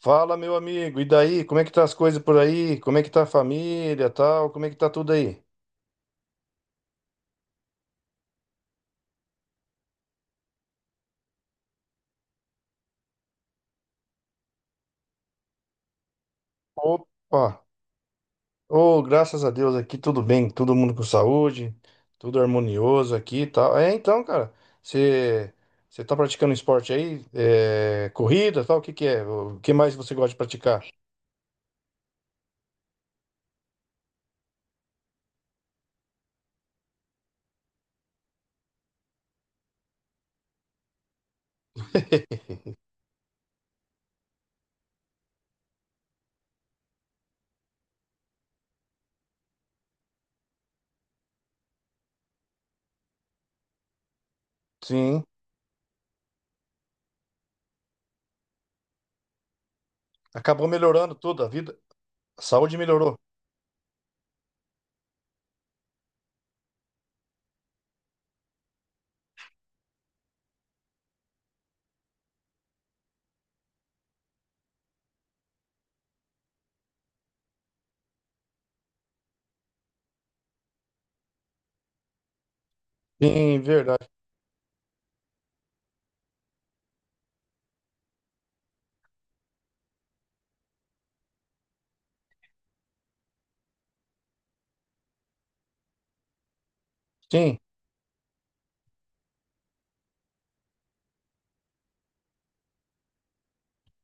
Fala, meu amigo. E daí? Como é que tá as coisas por aí? Como é que tá a família, tal? Como é que tá tudo aí? Opa! Oh, graças a Deus aqui tudo bem, todo mundo com saúde, tudo harmonioso aqui, e tal. É, então, cara, você você tá praticando esporte aí? É, corrida, tal? O que que é? O que mais você gosta de praticar? Sim. Acabou melhorando tudo, a vida, a saúde melhorou. Sim, verdade. Sim.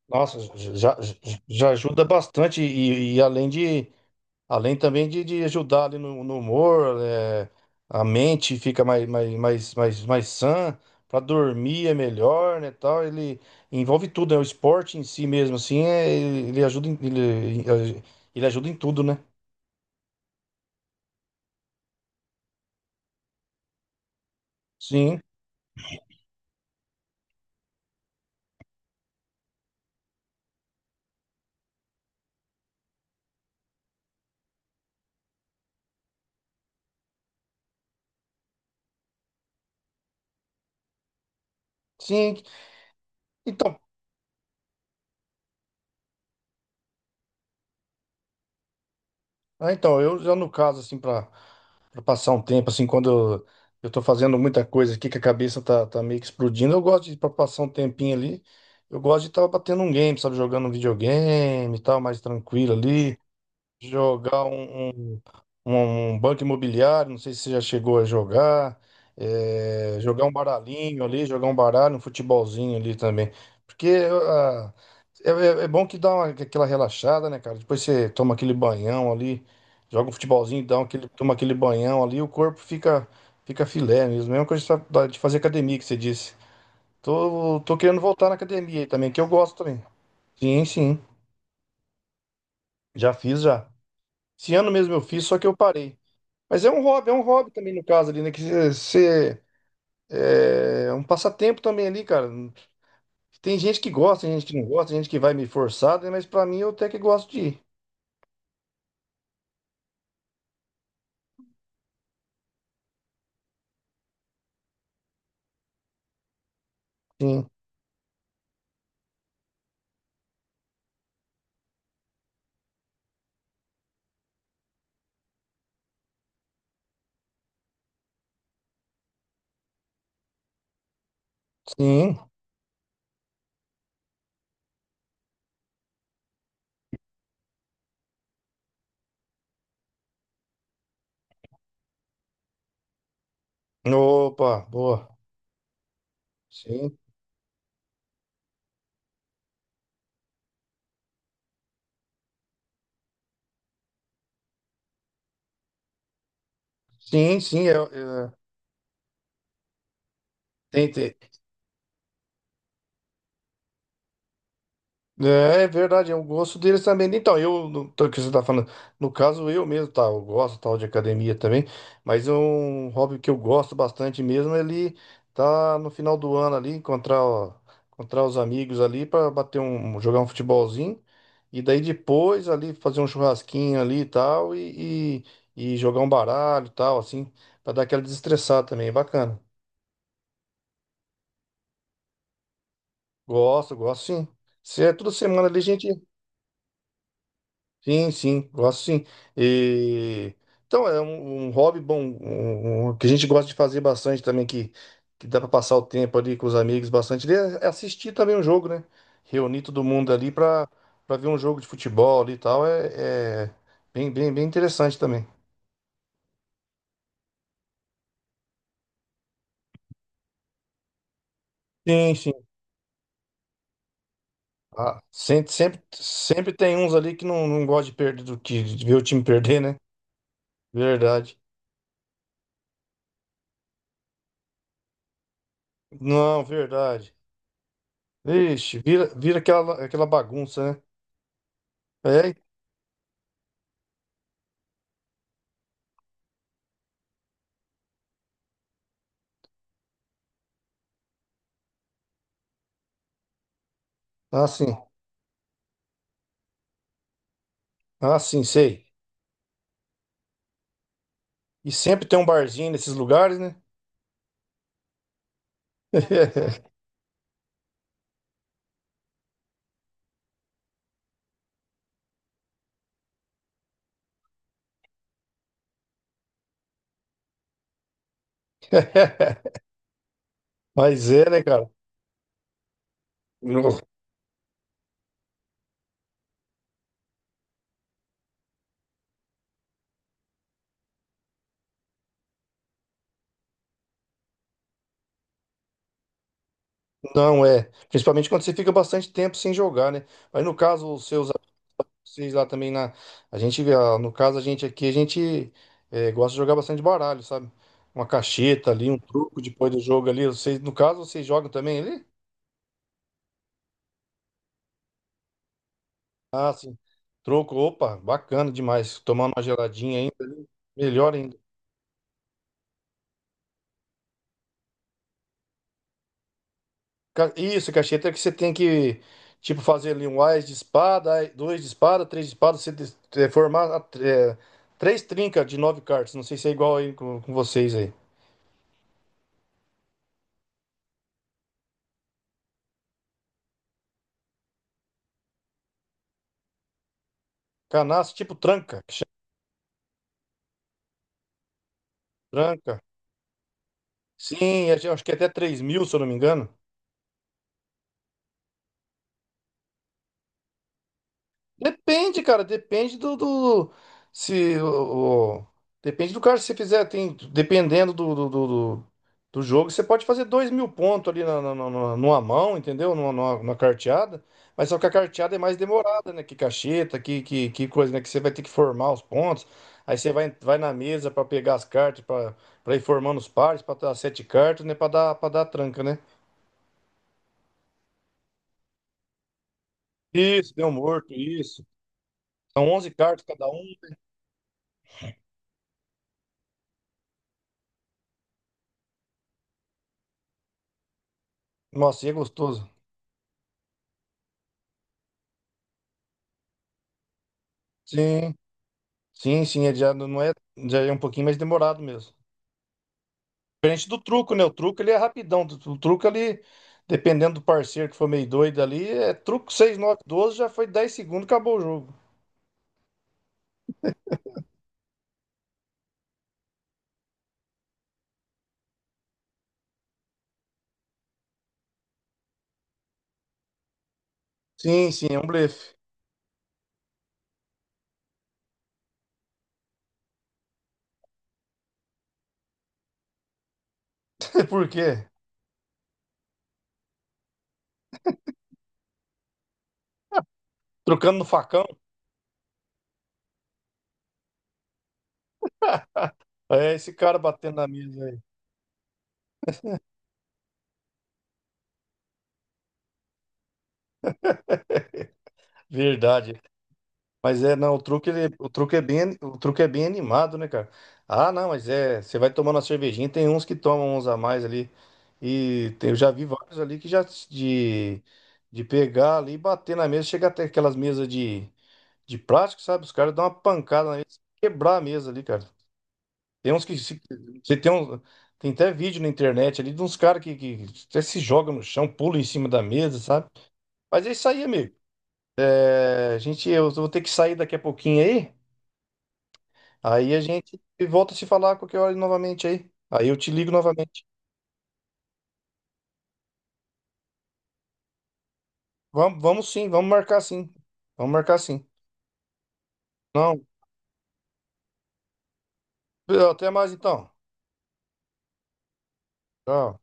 Nossa, já, já já ajuda bastante e além de Além também de ajudar ali no humor, é, a mente fica mais sã, para dormir é melhor, né, tal. Ele envolve tudo, né? O esporte em si mesmo, assim, é, ele ajuda em, ele ajuda em tudo, né? Sim, sim. Então, então eu já no caso, assim, para pra passar um tempo, assim, quando eu eu tô fazendo muita coisa aqui, que a cabeça tá meio que explodindo, eu gosto de, pra passar um tempinho ali, eu gosto de estar batendo um game, sabe? Jogando um videogame e tal, mais tranquilo ali jogar um banco imobiliário, não sei se você já chegou a jogar, jogar um baralhinho ali, jogar um baralho, um futebolzinho ali também. Porque é bom que dá aquela relaxada, né, cara? Depois você toma aquele banhão ali, joga um futebolzinho, dá aquele, toma aquele banhão ali, o corpo fica, fica filé mesmo. Mesma coisa de fazer academia que você disse. Tô querendo voltar na academia aí também, que eu gosto também. Sim, sim. Já fiz já. Esse ano mesmo eu fiz, só que eu parei. Mas é um hobby também no caso ali, né? Que você é um passatempo também ali, cara. Tem gente que gosta, tem gente que não gosta, tem gente que vai me forçar, né? Mas pra mim eu até que gosto de ir. Sim, sim. Opa, boa. Sim, sim, sim. Tem, tem- É, é verdade, é um gosto deles também. Então, eu, no, o que você tá falando, no caso eu mesmo, tá, eu gosto tal de academia também, mas é um hobby que eu gosto bastante mesmo, ele tá no final do ano ali, encontrar, ó, encontrar os amigos ali para bater jogar um futebolzinho, e daí depois ali fazer um churrasquinho ali e tal, e jogar um baralho e tal, assim, para dar aquela desestressada também, é bacana. Gosto, gosto sim. Se é toda semana ali, gente. Sim, sim, gosto sim. E, então, é um hobby bom, um que a gente gosta de fazer bastante também, que dá para passar o tempo ali com os amigos bastante, é assistir também um jogo, né? Reunir todo mundo ali para ver um jogo de futebol ali e tal, é, é bem interessante também. Sim, sim. Ah, sempre tem uns ali que não gosta de perder, do que, de ver o time perder, né? Verdade. Não, verdade. Vixe, vira aquela, aquela bagunça, né? É, assim. Ah, sim, sei. E sempre tem um barzinho nesses lugares, né? Mas é, né, cara? Não, não é. Principalmente quando você fica bastante tempo sem jogar, né? Mas no caso, os seus, vocês lá também na. A gente, no caso, a gente aqui, a gente gosta de jogar bastante baralho, sabe? Uma cacheta ali, um truco depois do jogo ali. Vocês, no caso, vocês jogam também ali? Ah, sim. Troco, opa, bacana demais. Tomar uma geladinha ainda, melhor ainda. Isso, cacheta é que você tem que, tipo, fazer ali um ás de espada, dois de espada, três de espada, você formar três trincas de nove cartas. Não sei se é igual aí com vocês aí. Canaço, tipo tranca, que chama tranca. Sim, acho que é até 3.000, se eu não me engano. Depende, cara, depende se depende do cara que você fizer, tem dependendo do- do jogo, você pode fazer 2.000 pontos ali numa mão, entendeu? Numa carteada, mas só que a carteada é mais demorada, né? Que cacheta, que coisa, né? Que você vai ter que formar os pontos, aí você vai, vai na mesa pra pegar as cartas, pra ir formando os pares, pra dar sete cartas, né? Para dar tranca, né? Isso, deu morto, isso. São 11 cartas cada um. Nossa, e é gostoso. Sim. Sim, sim, ele já não é, já é um pouquinho mais demorado mesmo. Diferente do truco, né? O truco ele é rapidão. O truco ali, dependendo do parceiro que for meio doido ali, é truco 6 9 12 já foi 10 segundos, acabou o jogo. Sim, sim, é um blefe. Por quê? Trocando no facão? É esse cara batendo na mesa aí. Verdade. Mas é, não, o truque, o truque é bem, o truque é bem animado, né, cara? Ah, não, mas é, você vai tomando a cervejinha, tem uns que tomam uns a mais ali. E eu já vi vários ali que já de pegar ali e bater na mesa, chega até aquelas mesas de, plástico, sabe? Os caras dão uma pancada na mesa, quebrar a mesa ali, cara. Tem uns que se, você tem tem até vídeo na internet ali de uns caras que até se jogam no chão, pulam em cima da mesa, sabe? Mas é isso aí, amigo. É, a gente, eu vou ter que sair daqui a pouquinho aí. Aí a gente volta a se falar a qualquer hora novamente aí. Aí eu te ligo novamente. Vamos, vamos sim, vamos marcar sim. Vamos marcar sim. Não, até mais então. Tchau.